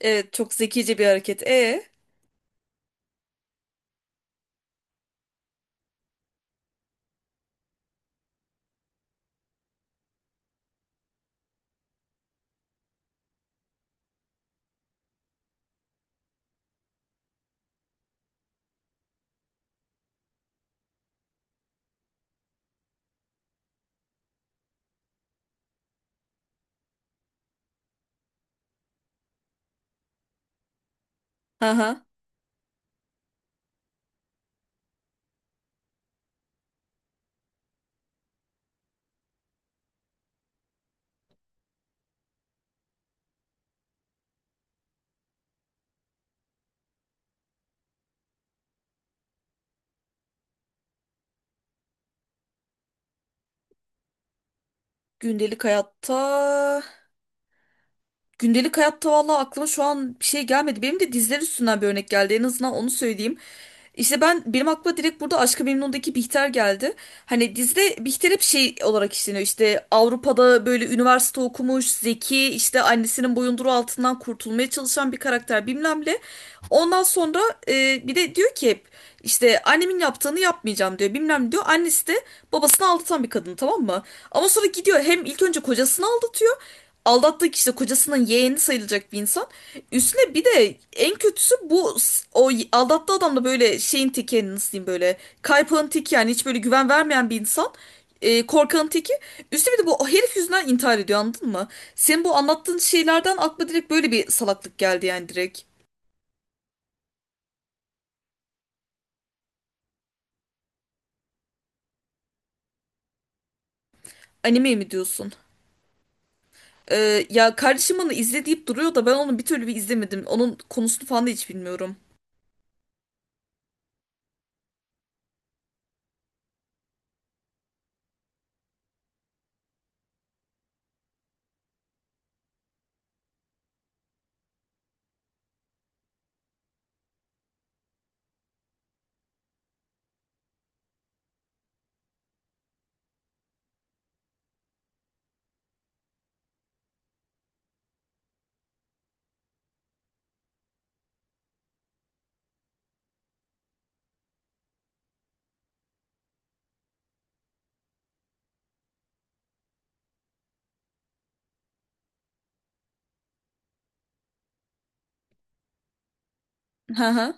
Evet, çok zekice bir hareket. Aha. Gündelik hayatta. Gündelik hayatta vallahi aklıma şu an bir şey gelmedi. Benim de dizler üstünden bir örnek geldi. En azından onu söyleyeyim. İşte benim aklıma direkt burada Aşk-ı Memnun'daki Bihter geldi. Hani dizide Bihter hep şey olarak işleniyor. İşte Avrupa'da böyle üniversite okumuş, zeki, işte annesinin boyunduruğu altından kurtulmaya çalışan bir karakter bilmem ne. Ondan sonra bir de diyor ki hep işte annemin yaptığını yapmayacağım diyor, bilmem ne diyor. Annesi de babasını aldatan bir kadın, tamam mı? Ama sonra gidiyor hem ilk önce kocasını aldatıyor. Aldattığı kişi de kocasının yeğeni sayılacak bir insan. Üstüne bir de en kötüsü bu s- o y- aldattığı adam da böyle şeyin teki, yani nasıl diyeyim, böyle kaypağın teki, yani hiç böyle güven vermeyen bir insan. Korkanın teki. Üstüne bir de bu herif yüzünden intihar ediyor, anladın mı? Senin bu anlattığın şeylerden aklıma direkt böyle bir salaklık geldi yani, direkt. Anime mi diyorsun? Ya kardeşim onu izle deyip duruyor da ben onu bir türlü bir izlemedim. Onun konusunu falan da hiç bilmiyorum. Hı hı.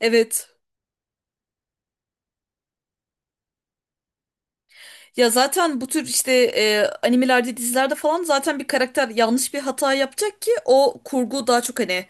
Evet. Ya zaten bu tür işte animelerde, dizilerde falan zaten bir karakter yanlış bir hata yapacak ki o kurgu daha çok, hani,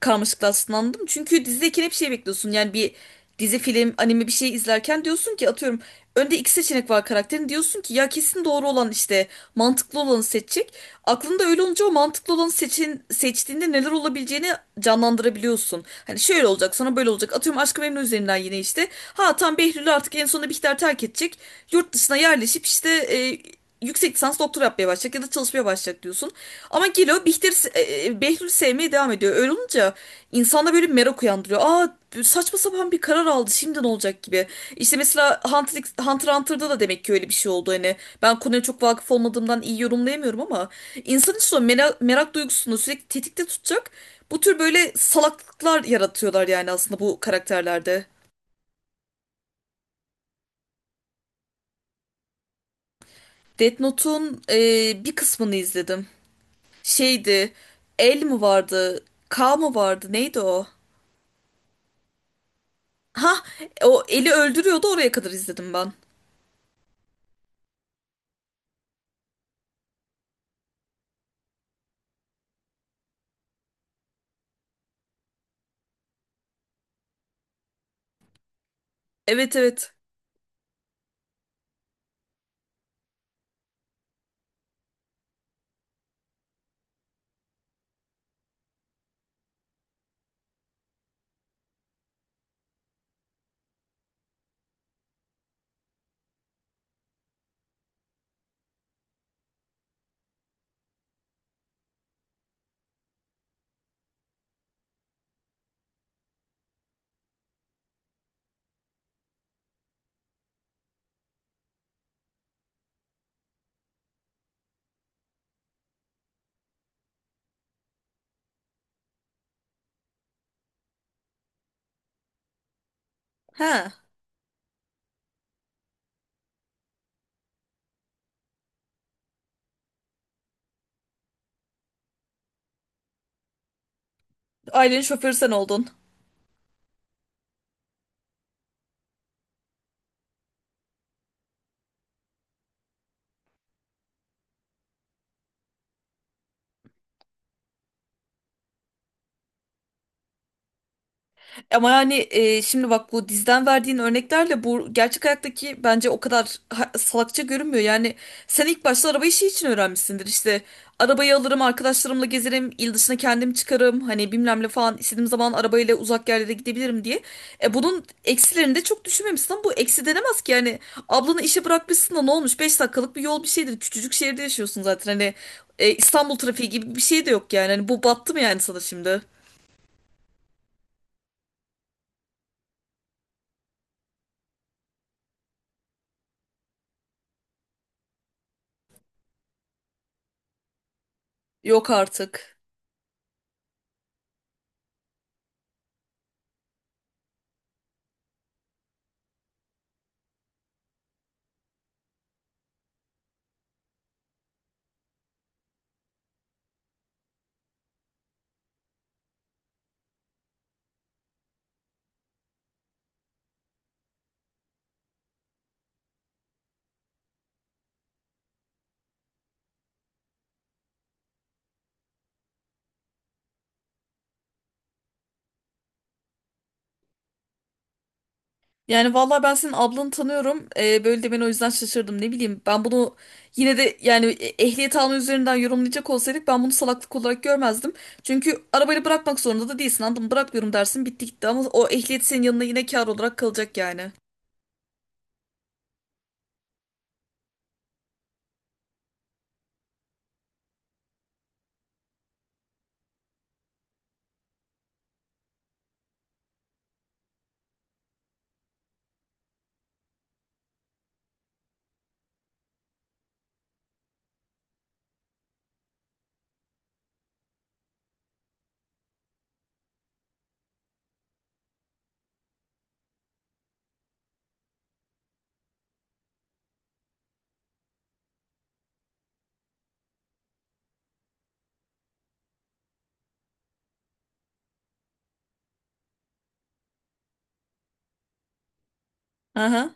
karmaşıklaşsın. Çünkü dizideyken hep şey bekliyorsun. Yani bir dizi, film, anime bir şey izlerken diyorsun ki atıyorum önde iki seçenek var karakterin. Diyorsun ki ya kesin doğru olan, işte mantıklı olanı seçecek. Aklında öyle olunca o mantıklı olanı seçin, seçtiğinde neler olabileceğini canlandırabiliyorsun. Hani şöyle olacak sana, böyle olacak. Atıyorum Aşk-ı Memnu üzerinden yine işte. Ha tam Behlül artık en sonunda Bihter terk edecek, yurt dışına yerleşip işte yüksek lisans doktor yapmaya başlayacak ya da çalışmaya başlayacak diyorsun. Ama Gilo Bihter, Behlül sevmeye devam ediyor. Öyle olunca insanda böyle bir merak uyandırıyor. Aa, saçma sapan bir karar aldı, şimdi ne olacak gibi. İşte mesela Hunter x Hunter'da da demek ki öyle bir şey oldu. Hani ben konuya çok vakıf olmadığımdan iyi yorumlayamıyorum ama insanın işte o merak duygusunu sürekli tetikte tutacak bu tür böyle salaklıklar yaratıyorlar yani aslında bu karakterlerde. Death Note'un bir kısmını izledim. Şeydi. El mi vardı? K mı vardı? Neydi o? Ha, o eli öldürüyordu, oraya kadar izledim ben. Evet, evet. Ha, ailenin şoförü sen oldun. Ama yani şimdi bak, bu dizden verdiğin örneklerle bu gerçek hayattaki bence o kadar salakça görünmüyor. Yani sen ilk başta araba işi için öğrenmişsindir. İşte arabayı alırım, arkadaşlarımla gezerim, il dışına kendim çıkarım. Hani bilmem ne falan, istediğim zaman arabayla uzak yerlere gidebilirim diye. Bunun eksilerini de çok düşünmemişsin ama bu eksi denemez ki. Yani ablanı işe bırakmışsın da ne olmuş? Beş dakikalık bir yol bir şeydir. Küçücük şehirde yaşıyorsun zaten. Hani İstanbul trafiği gibi bir şey de yok yani. Hani bu battı mı yani sana şimdi? Yok artık. Yani vallahi ben senin ablanı tanıyorum. Böyle demen o yüzden şaşırdım. Ne bileyim, ben bunu yine de yani ehliyet alma üzerinden yorumlayacak olsaydık ben bunu salaklık olarak görmezdim. Çünkü arabayı bırakmak zorunda da değilsin, anladın mı? Bırakmıyorum dersin, bitti gitti, ama o ehliyet senin yanına yine kar olarak kalacak yani. Aha.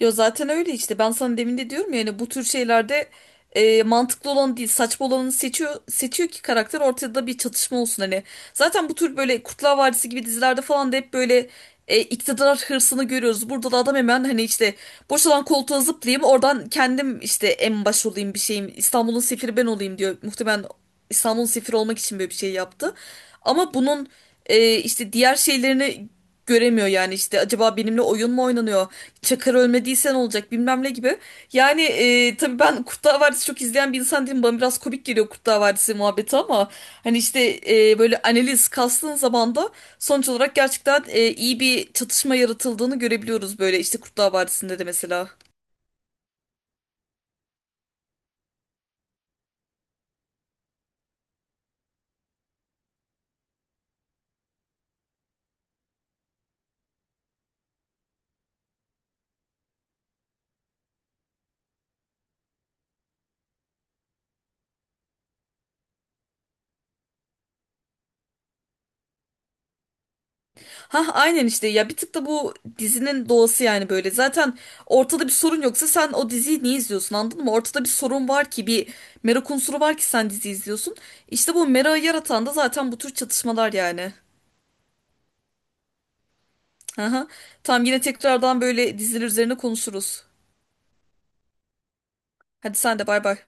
Ya zaten öyle işte, ben sana demin de diyorum ya, yani bu tür şeylerde mantıklı olan değil saçma olanı seçiyor ki karakter, ortada bir çatışma olsun hani. Zaten bu tür böyle Kurtlar Vadisi gibi dizilerde falan da hep böyle iktidar hırsını görüyoruz. Burada da adam hemen hani işte boşalan koltuğa zıplayayım, oradan kendim işte en baş olayım, bir şeyim, İstanbul'un sefiri ben olayım diyor. Muhtemelen İstanbul'un sefiri olmak için böyle bir şey yaptı. Ama bunun işte diğer şeylerini göremiyor yani, işte acaba benimle oyun mu oynanıyor? Çakar ölmediysen olacak bilmem ne gibi. Yani tabii ben Kurtlar Vadisi çok izleyen bir insan değilim. Bana biraz komik geliyor Kurtlar Vadisi muhabbeti ama hani işte böyle analiz kastığın zaman da sonuç olarak gerçekten iyi bir çatışma yaratıldığını görebiliyoruz böyle işte Kurtlar Vadisi'nde de mesela. Ha aynen işte, ya bir tık da bu dizinin doğası yani böyle. Zaten ortada bir sorun yoksa sen o diziyi niye izliyorsun, anladın mı? Ortada bir sorun var ki, bir merak unsuru var ki sen dizi izliyorsun. İşte bu merakı yaratan da zaten bu tür çatışmalar yani. Aha. Tamam, yine tekrardan böyle diziler üzerine konuşuruz. Hadi sen de bay bay.